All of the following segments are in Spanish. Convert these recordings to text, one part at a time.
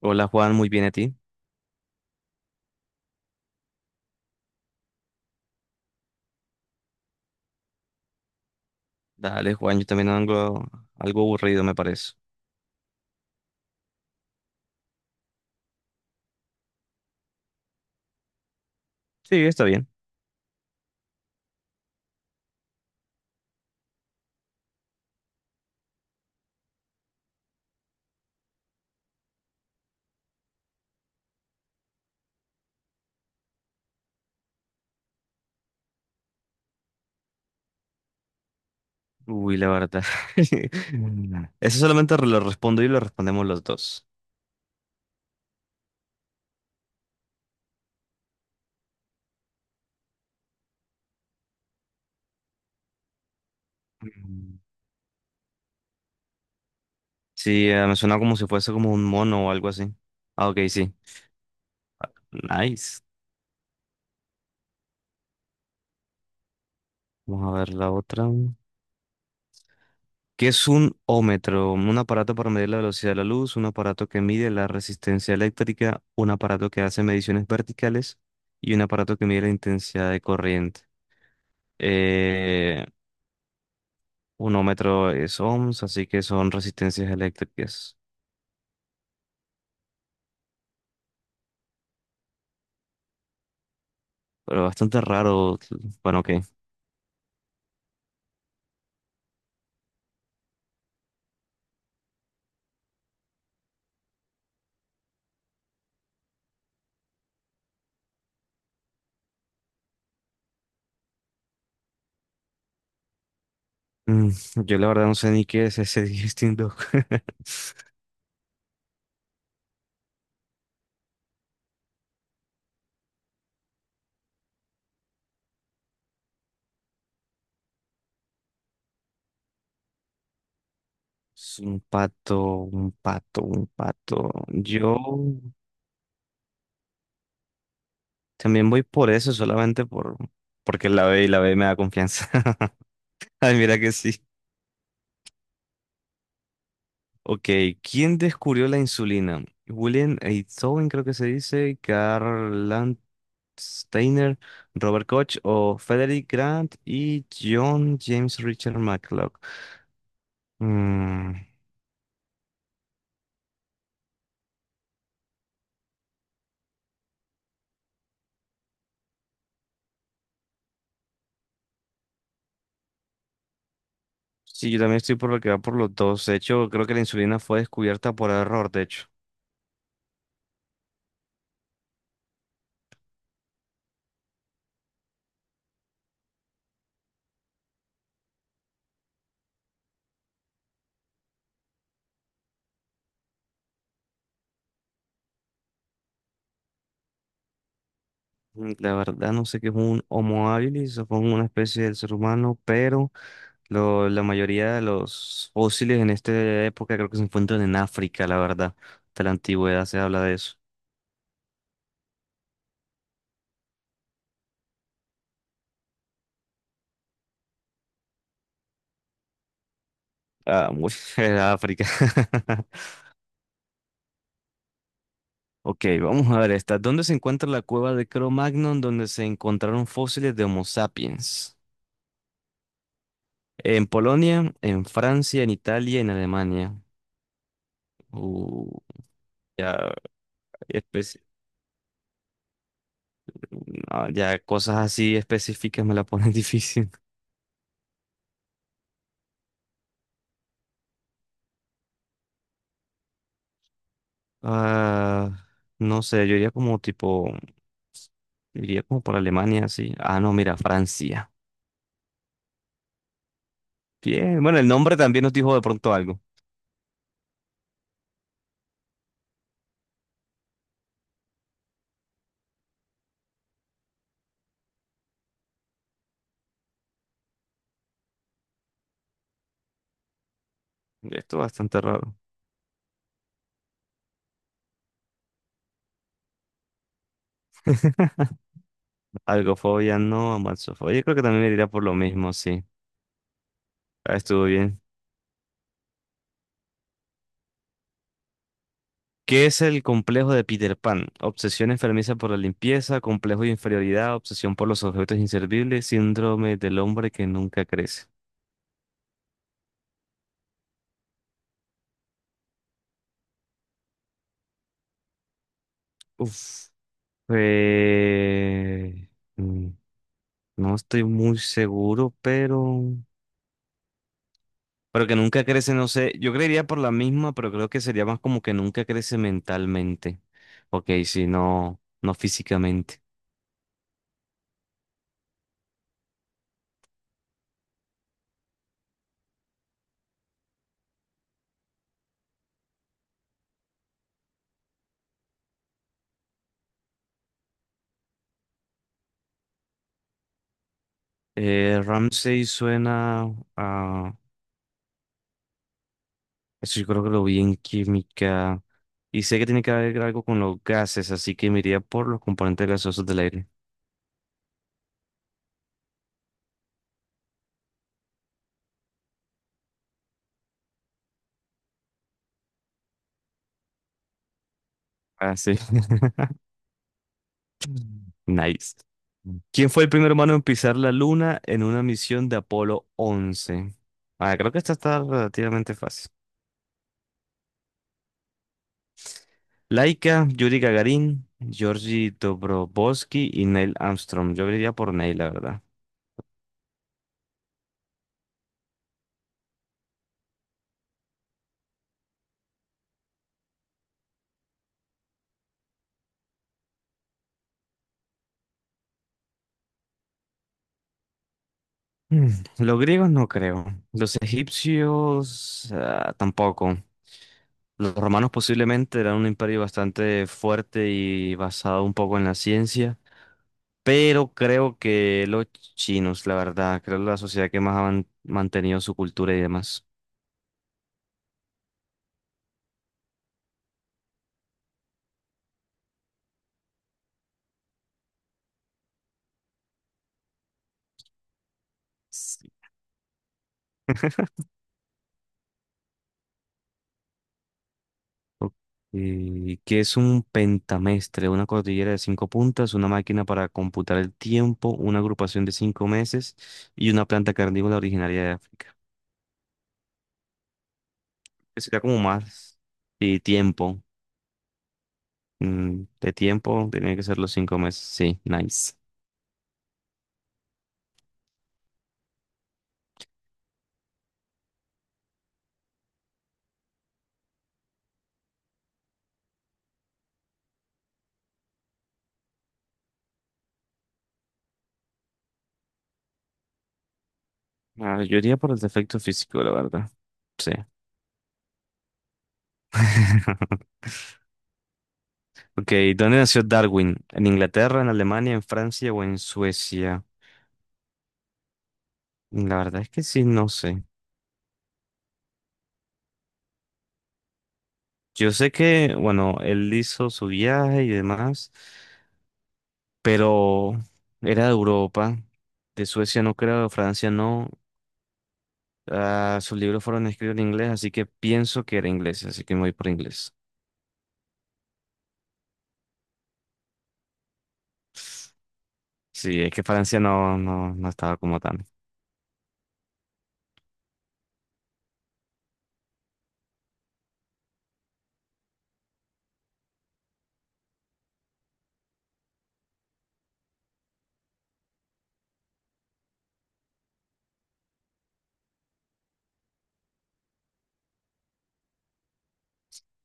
Hola Juan, muy bien a ti. Dale Juan, yo también ando algo aburrido me parece. Sí, está bien. Uy, la verdad. Mm. Eso solamente lo respondo y lo respondemos los dos. Mm. Sí, me suena como si fuese como un mono o algo así. Ah, ok, sí. Nice. Vamos a ver la otra. ¿Qué es un ómetro? Un aparato para medir la velocidad de la luz, un aparato que mide la resistencia eléctrica, un aparato que hace mediciones verticales y un aparato que mide la intensidad de corriente. Eh, Unómetro es ohms, así que son resistencias eléctricas. Pero bastante raro. Bueno, ok. Mm, yo la verdad no sé ni qué es ese Digesting Dog. Es un pato, un pato, un pato. Yo también voy por eso, solamente porque la B y la B me da confianza. Ay, mira que sí. Ok, ¿quién descubrió la insulina? William Einthoven, creo que se dice, Karl Steiner, Robert Koch o Frederick Grant y John James Richard McClock. Mm, sí, yo también estoy por lo que va por los dos. De hecho, creo que la insulina fue descubierta por error, de hecho. La verdad no sé qué es un Homo habilis, supongo una especie del ser humano, pero la mayoría de los fósiles en esta época creo que se encuentran en África, la verdad. De la antigüedad se habla de eso. Ah, muy era África. Ok, vamos a ver esta. ¿Dónde se encuentra la cueva de Cro-Magnon donde se encontraron fósiles de Homo sapiens? En Polonia, en Francia, en Italia, en Alemania. Uh, ya, especi- no, ya cosas así específicas me la ponen difícil. Ah, no sé, yo iría como tipo, iría como por Alemania, sí. Ah, no, mira, Francia. Bien, bueno, el nombre también nos dijo de pronto algo. Esto es bastante raro. Algofobia, no, amaxofobia. Yo creo que también me iría por lo mismo, sí. Ah, estuvo bien. ¿Qué es el complejo de Peter Pan? Obsesión enfermiza por la limpieza, complejo de inferioridad, obsesión por los objetos inservibles, síndrome del hombre que nunca crece. Uf. Eh... mm, No estoy muy seguro, pero... Pero que nunca crece, no sé. Yo creería por la misma, pero creo que sería más como que nunca crece mentalmente. Ok, sí, no, no físicamente. Ramsey suena a... Eso yo creo que lo vi en química. Y sé que tiene que ver algo con los gases, así que me iría por los componentes gaseosos del aire. Ah, sí. Nice. ¿Quién fue el primer humano en pisar la luna en una misión de Apolo 11? Ah, creo que esta está relativamente fácil. Laika, Yuri Gagarin, Georgi Dobrovolsky y Neil Armstrong. Yo diría por Neil, la verdad. Mm, Los griegos no creo. Los egipcios tampoco. Los romanos posiblemente eran un imperio bastante fuerte y basado un poco en la ciencia. Pero creo que los chinos, la verdad, creo que la sociedad que más ha mantenido su cultura y demás. Sí. Ok, ¿qué es un pentamestre? Una cordillera de cinco puntas, una máquina para computar el tiempo, una agrupación de 5 meses y una planta carnívora originaria de África. Que sería como más y tiempo. De tiempo, tenía que ser los 5 meses. Sí, nice. Ah, yo iría por el defecto físico, la verdad. Sí. Ok, ¿dónde nació Darwin? ¿En Inglaterra, en Alemania, en Francia o en Suecia? La verdad es que sí, no sé. Yo sé que, bueno, él hizo su viaje y demás, pero era de Europa, de Suecia no creo, de Francia no. Ah, sus libros fueron escritos en inglés, así que pienso que era inglés, así que me voy por inglés. Sí, es que Francia no, no, no estaba como tan.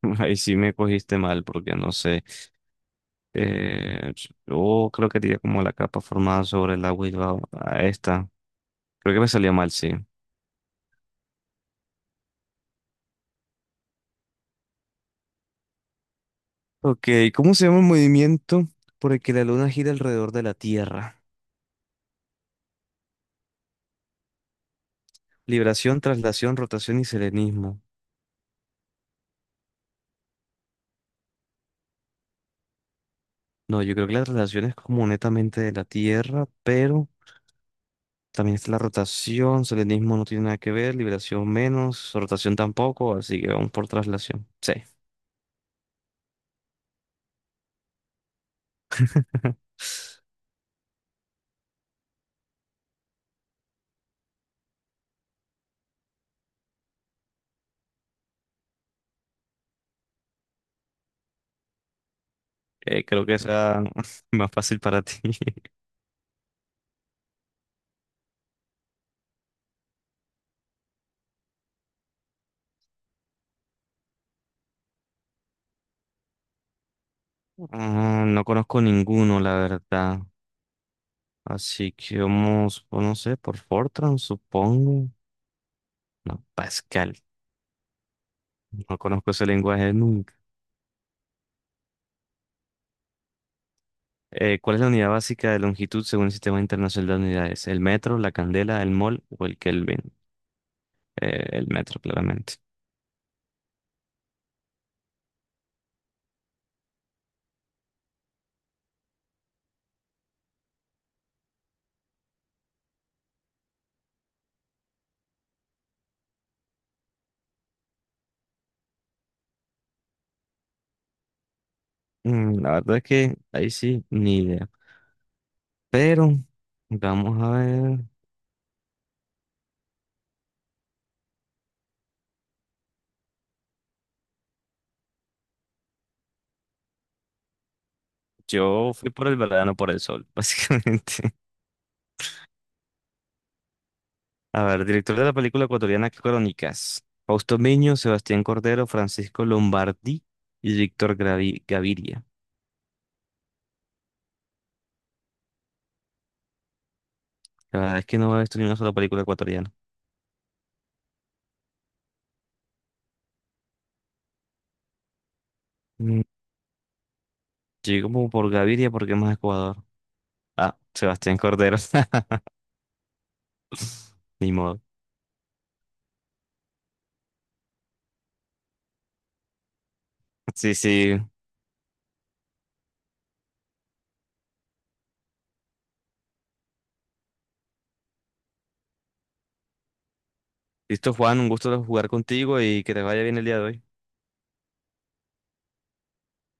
Ahí sí me cogiste mal porque no sé. Eh, yo creo que diría como la capa formada sobre el agua y va a esta. Creo que me salió mal, sí. Ok, ¿cómo se llama el movimiento por el que la luna gira alrededor de la Tierra? Libración, traslación, rotación y selenismo. No, yo creo que la traslación es como netamente de la Tierra, pero también está la rotación, selenismo no tiene nada que ver, liberación menos, rotación tampoco, así que vamos por traslación. Sí. Creo que sea más fácil para ti. Ah, no conozco ninguno, la verdad. Así que vamos, pues, no sé, por Fortran, supongo. No, Pascal. No conozco ese lenguaje nunca. ¿Cuál es la unidad básica de longitud según el Sistema Internacional de Unidades? ¿El metro, la candela, el mol o el Kelvin? El metro, claramente. La verdad es que ahí sí, ni idea. Pero, vamos a ver. Yo fui por el verano, por el sol, básicamente. A ver, director de la película ecuatoriana Crónicas. Fausto Miño, Sebastián Cordero, Francisco Lombardi y Víctor Gaviria. La verdad es que no he visto ni una sola película ecuatoriana. Mm, Llegué como por Gaviria porque es más de Ecuador. Ah, Sebastián Cordero. Ni modo. Sí, sí. Listo, Juan, un gusto jugar contigo y que te vaya bien el día de hoy.